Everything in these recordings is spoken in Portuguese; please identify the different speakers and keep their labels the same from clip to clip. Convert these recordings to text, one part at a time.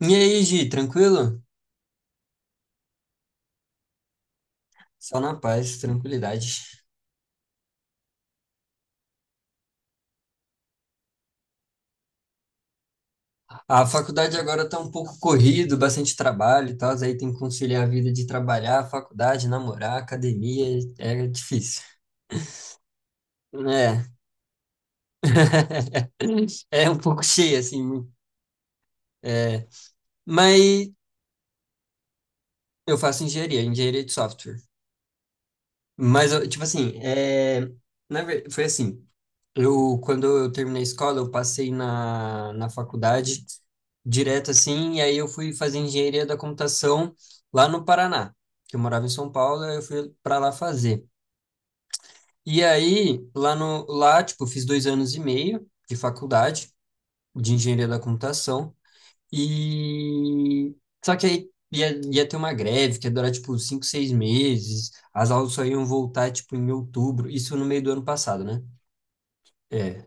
Speaker 1: E aí, Gi, tranquilo? Só na paz, tranquilidade. A faculdade agora tá um pouco corrido, bastante trabalho e tal, aí tem que conciliar a vida de trabalhar, faculdade, namorar, academia, é difícil. É, é um pouco cheio, assim, é, mas eu faço engenharia, engenharia de software. Mas, eu, tipo assim, foi assim. Eu, quando eu terminei a escola, eu passei na faculdade direto assim, e aí eu fui fazer engenharia da computação lá no Paraná, que eu morava em São Paulo, aí eu fui para lá fazer. E aí, lá no lá, tipo, eu fiz dois anos e meio de faculdade de engenharia da computação, e só que aí ia ter uma greve que ia durar, tipo, cinco, seis meses, as aulas só iam voltar, tipo, em outubro, isso no meio do ano passado, né? É,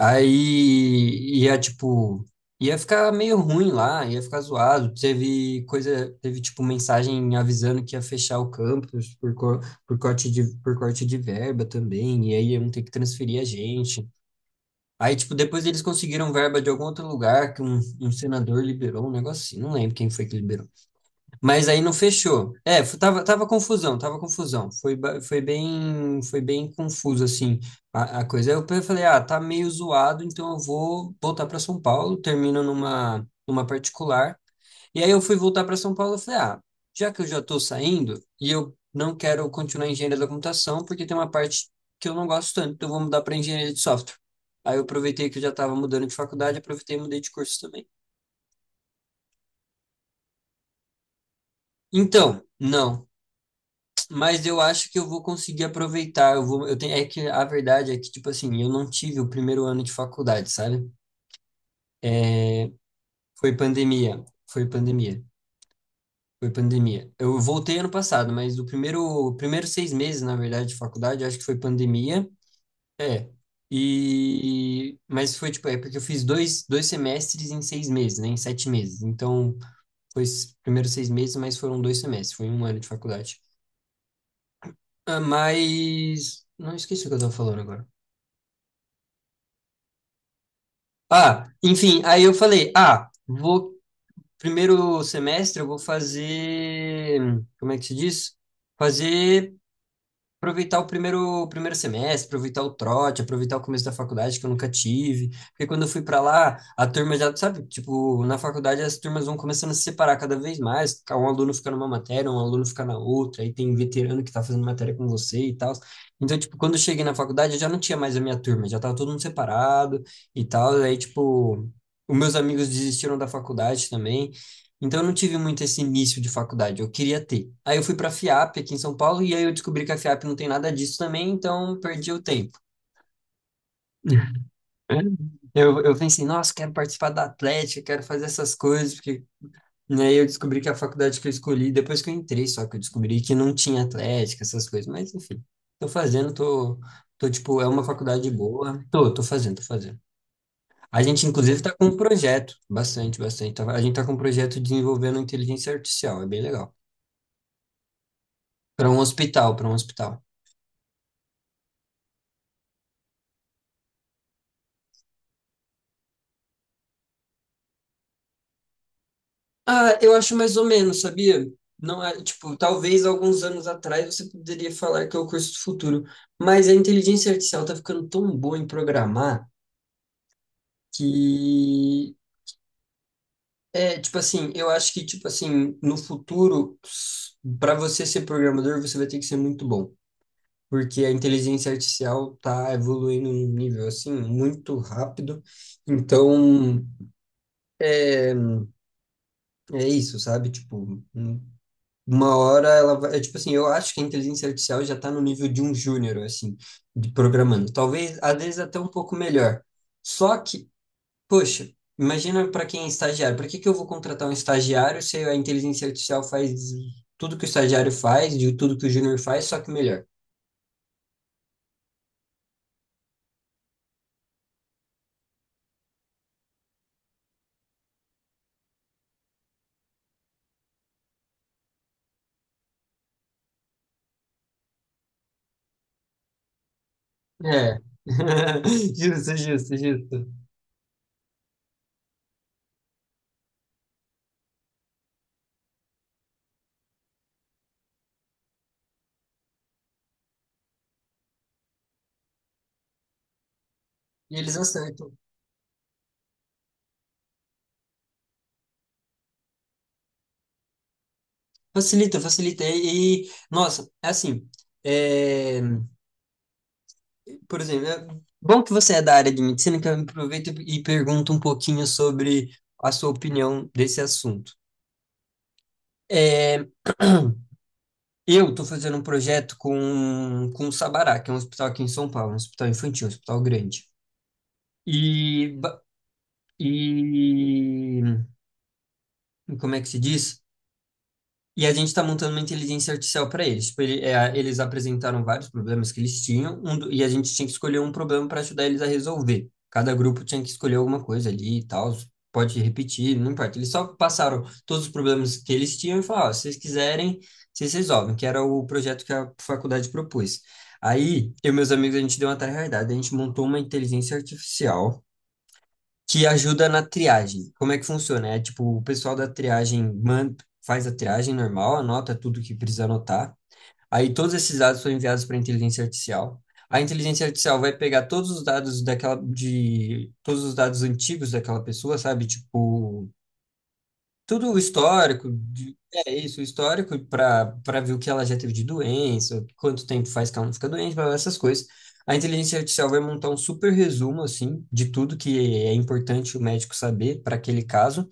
Speaker 1: aí ia, tipo, ia ficar meio ruim lá, ia ficar zoado. Teve coisa, teve, tipo, mensagem avisando que ia fechar o campus por corte por corte de verba também, e aí iam ter que transferir a gente. Aí, tipo, depois eles conseguiram verba de algum outro lugar que um senador liberou um negócio assim, não lembro quem foi que liberou. Mas aí não fechou. É, tava confusão, tava confusão. Foi, foi bem confuso, assim, a coisa. Aí eu falei, ah, tá meio zoado, então eu vou voltar para São Paulo, termino numa particular. E aí eu fui voltar para São Paulo e falei, ah, já que eu já estou saindo e eu não quero continuar em engenharia da computação, porque tem uma parte que eu não gosto tanto, então eu vou mudar para engenharia de software. Aí eu aproveitei que eu já estava mudando de faculdade, aproveitei e mudei de curso também. Então, não. Mas eu acho que eu vou conseguir aproveitar. Eu vou, eu tenho, é que a verdade é que, tipo assim, eu não tive o primeiro ano de faculdade, sabe? Foi pandemia, foi pandemia, foi pandemia. Eu voltei ano passado, mas o primeiro, primeiro seis meses, na verdade, de faculdade, eu acho que foi pandemia. É. E, mas foi, tipo, é porque eu fiz dois semestres em seis meses, né? Em sete meses. Então, foi os primeiros seis meses, mas foram dois semestres. Foi um ano de faculdade. Ah, mas, não esqueci o que eu tava falando agora. Ah, enfim, aí eu falei, ah, vou primeiro semestre eu vou fazer, como é que se diz? Fazer aproveitar o primeiro semestre, aproveitar o trote, aproveitar o começo da faculdade que eu nunca tive. Porque quando eu fui para lá, a turma já, sabe, tipo, na faculdade as turmas vão começando a se separar cada vez mais. Um aluno fica numa matéria, um aluno fica na outra, aí tem veterano que tá fazendo matéria com você e tal. Então, tipo, quando eu cheguei na faculdade, eu já não tinha mais a minha turma, já tava todo mundo separado e tal. Aí, tipo, os meus amigos desistiram da faculdade também. Então, eu não tive muito esse início de faculdade, eu queria ter. Aí eu fui para a FIAP aqui em São Paulo e aí eu descobri que a FIAP não tem nada disso também, então eu perdi o tempo. Eu pensei, nossa, quero participar da Atlética, quero fazer essas coisas, porque né, aí eu descobri que a faculdade que eu escolhi, depois que eu entrei, só que eu descobri que não tinha Atlética, essas coisas, mas enfim, tô fazendo, tô, tô tipo, é uma faculdade boa, tô, tô fazendo, tô fazendo. A gente, inclusive, tá com um projeto, bastante, bastante, a gente tá com um projeto desenvolvendo inteligência artificial, é bem legal. Para um hospital, para um hospital. Ah, eu acho mais ou menos, sabia? Não é, tipo, talvez alguns anos atrás você poderia falar que é o curso do futuro, mas a inteligência artificial tá ficando tão boa em programar que é, tipo assim, no futuro, para você ser programador, você vai ter que ser muito bom, porque a inteligência artificial tá evoluindo num nível assim muito rápido. Então, é, é isso, sabe? Tipo, uma hora ela vai, é tipo assim, eu acho que a inteligência artificial já está no nível de um júnior, assim, de programando. Talvez, às vezes, até um pouco melhor. Só que, poxa, imagina para quem é estagiário. Para que que eu vou contratar um estagiário se a inteligência artificial faz tudo que o estagiário faz, de tudo que o júnior faz, só que melhor? É. Justo, justo, justo. E eles acertam. Facilita, facilita. Nossa, é assim, é. Por exemplo, é bom que você é da área de medicina, que eu aproveito e pergunto um pouquinho sobre a sua opinião desse assunto. É, eu estou fazendo um projeto com o Sabará, que é um hospital aqui em São Paulo, um hospital infantil, um hospital grande. E, e como é que se diz? E a gente está montando uma inteligência artificial para eles. Tipo, é, eles apresentaram vários problemas que eles tinham, e a gente tinha que escolher um problema para ajudar eles a resolver. Cada grupo tinha que escolher alguma coisa ali e tal. Pode repetir, não importa. Eles só passaram todos os problemas que eles tinham e falaram: "Ó, se vocês quiserem, vocês resolvem", que era o projeto que a faculdade propôs. Aí, eu e meus amigos, a gente deu uma tarefa, a gente montou uma inteligência artificial que ajuda na triagem. Como é que funciona? É tipo, o pessoal da triagem faz a triagem normal, anota tudo que precisa anotar. Aí todos esses dados são enviados para a inteligência artificial. A inteligência artificial vai pegar todos os dados daquela de todos os dados antigos daquela pessoa, sabe? Tipo, tudo o histórico, é isso, o histórico para ver o que ela já teve de doença, quanto tempo faz que ela não fica doente, blá, blá, essas coisas. A inteligência artificial vai montar um super resumo assim de tudo que é importante o médico saber para aquele caso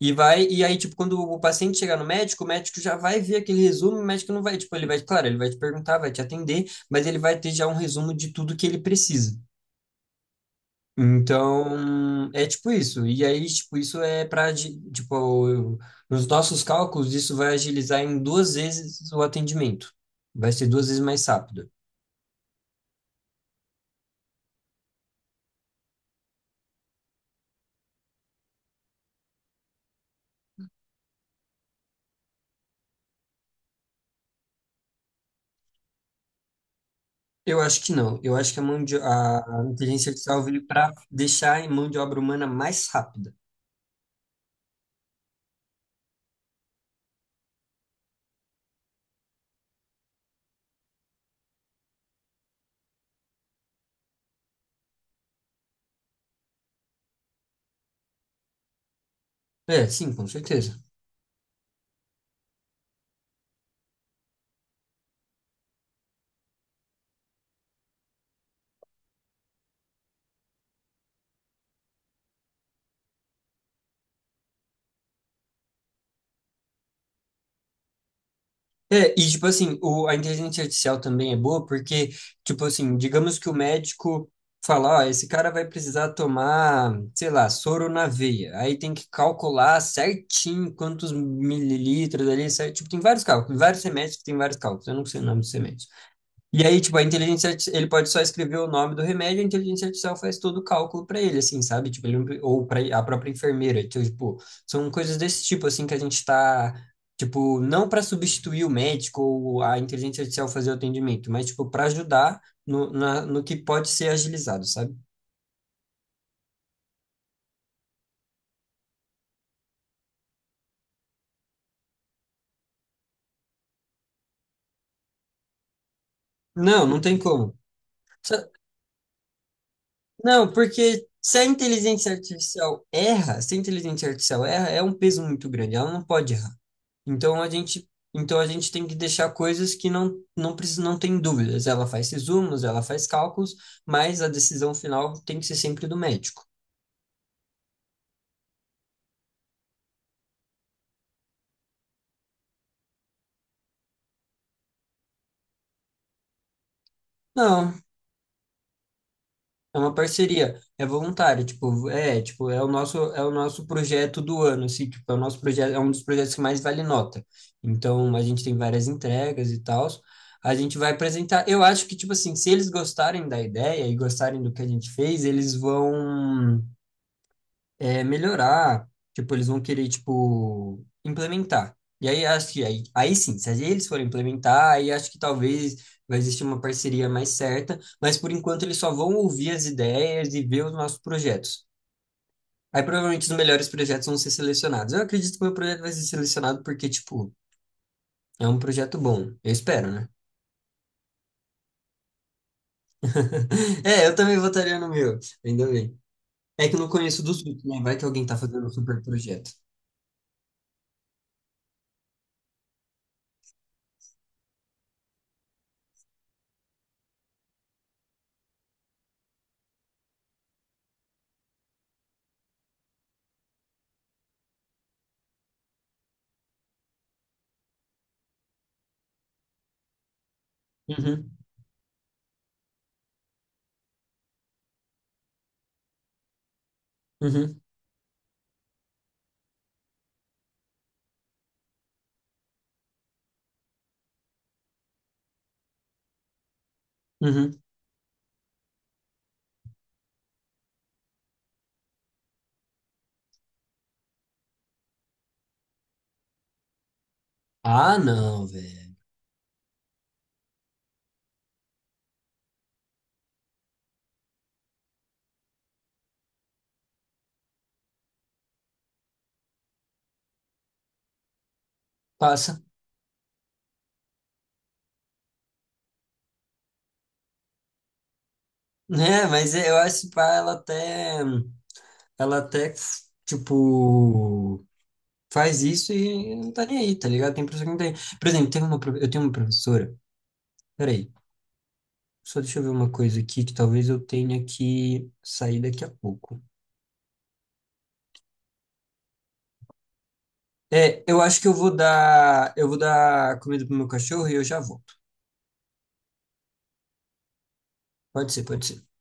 Speaker 1: e vai e aí tipo quando o paciente chegar no médico, o médico já vai ver aquele resumo, o médico não vai, tipo, ele vai, claro, ele vai te perguntar, vai te atender, mas ele vai ter já um resumo de tudo que ele precisa. Então, é tipo isso. E aí, tipo, isso é para, tipo, nos nossos cálculos, isso vai agilizar em duas vezes o atendimento. Vai ser duas vezes mais rápido. Eu acho que não. Eu acho que a mão de, a inteligência artificial veio para deixar a mão de obra humana mais rápida. É, sim, com certeza. É, e tipo assim, o, a inteligência artificial também é boa porque, tipo assim, digamos que o médico fala, ó, esse cara vai precisar tomar, sei lá, soro na veia. Aí tem que calcular certinho quantos mililitros ali, certo? Tipo, tem vários cálculos, vários remédios que tem vários cálculos. Eu não sei o nome dos remédios. E aí, tipo, ele pode só escrever o nome do remédio, a inteligência artificial faz todo o cálculo para ele, assim, sabe? Tipo, ele, não pre- ou para a própria enfermeira. Então, tipo, são coisas desse tipo, assim, que a gente tá, tipo, não para substituir o médico ou a inteligência artificial fazer o atendimento, mas, tipo, para ajudar no que pode ser agilizado, sabe? Não, não tem como. Não, porque se a inteligência artificial erra, se a inteligência artificial erra, é um peso muito grande, ela não pode errar. Então a gente, então a gente tem que deixar coisas que não precisa, não tem dúvidas. Ela faz resumos, ela faz cálculos, mas a decisão final tem que ser sempre do médico. Não, é uma parceria, é voluntário, tipo, é, tipo, é o nosso projeto do ano, assim, tipo, é o nosso projeto, é um dos projetos que mais vale nota. Então, a gente tem várias entregas e tal. A gente vai apresentar. Eu acho que, tipo assim, se eles gostarem da ideia e gostarem do que a gente fez, eles vão é, melhorar, tipo, eles vão querer, tipo, implementar. E aí acho que aí, aí sim, se eles forem implementar, aí acho que talvez vai existir uma parceria mais certa, mas por enquanto eles só vão ouvir as ideias e ver os nossos projetos. Aí provavelmente os melhores projetos vão ser selecionados. Eu acredito que o meu projeto vai ser selecionado porque, tipo, é um projeto bom. Eu espero, né? É, eu também votaria no meu, ainda bem. É que eu não conheço dos outros, né? Vai que alguém tá fazendo um super projeto. Uhum, uhum, uhum. Ah, não, velho. Passa. Né, mas eu acho que pá, ela até, tipo, faz isso e não tá nem aí, tá ligado? Tem professor que não tem. Por exemplo, teve uma, eu tenho uma professora, peraí, só deixa eu ver uma coisa aqui que talvez eu tenha que sair daqui a pouco. É, eu vou dar comida pro meu cachorro e eu já volto. Pode ser, pode ser.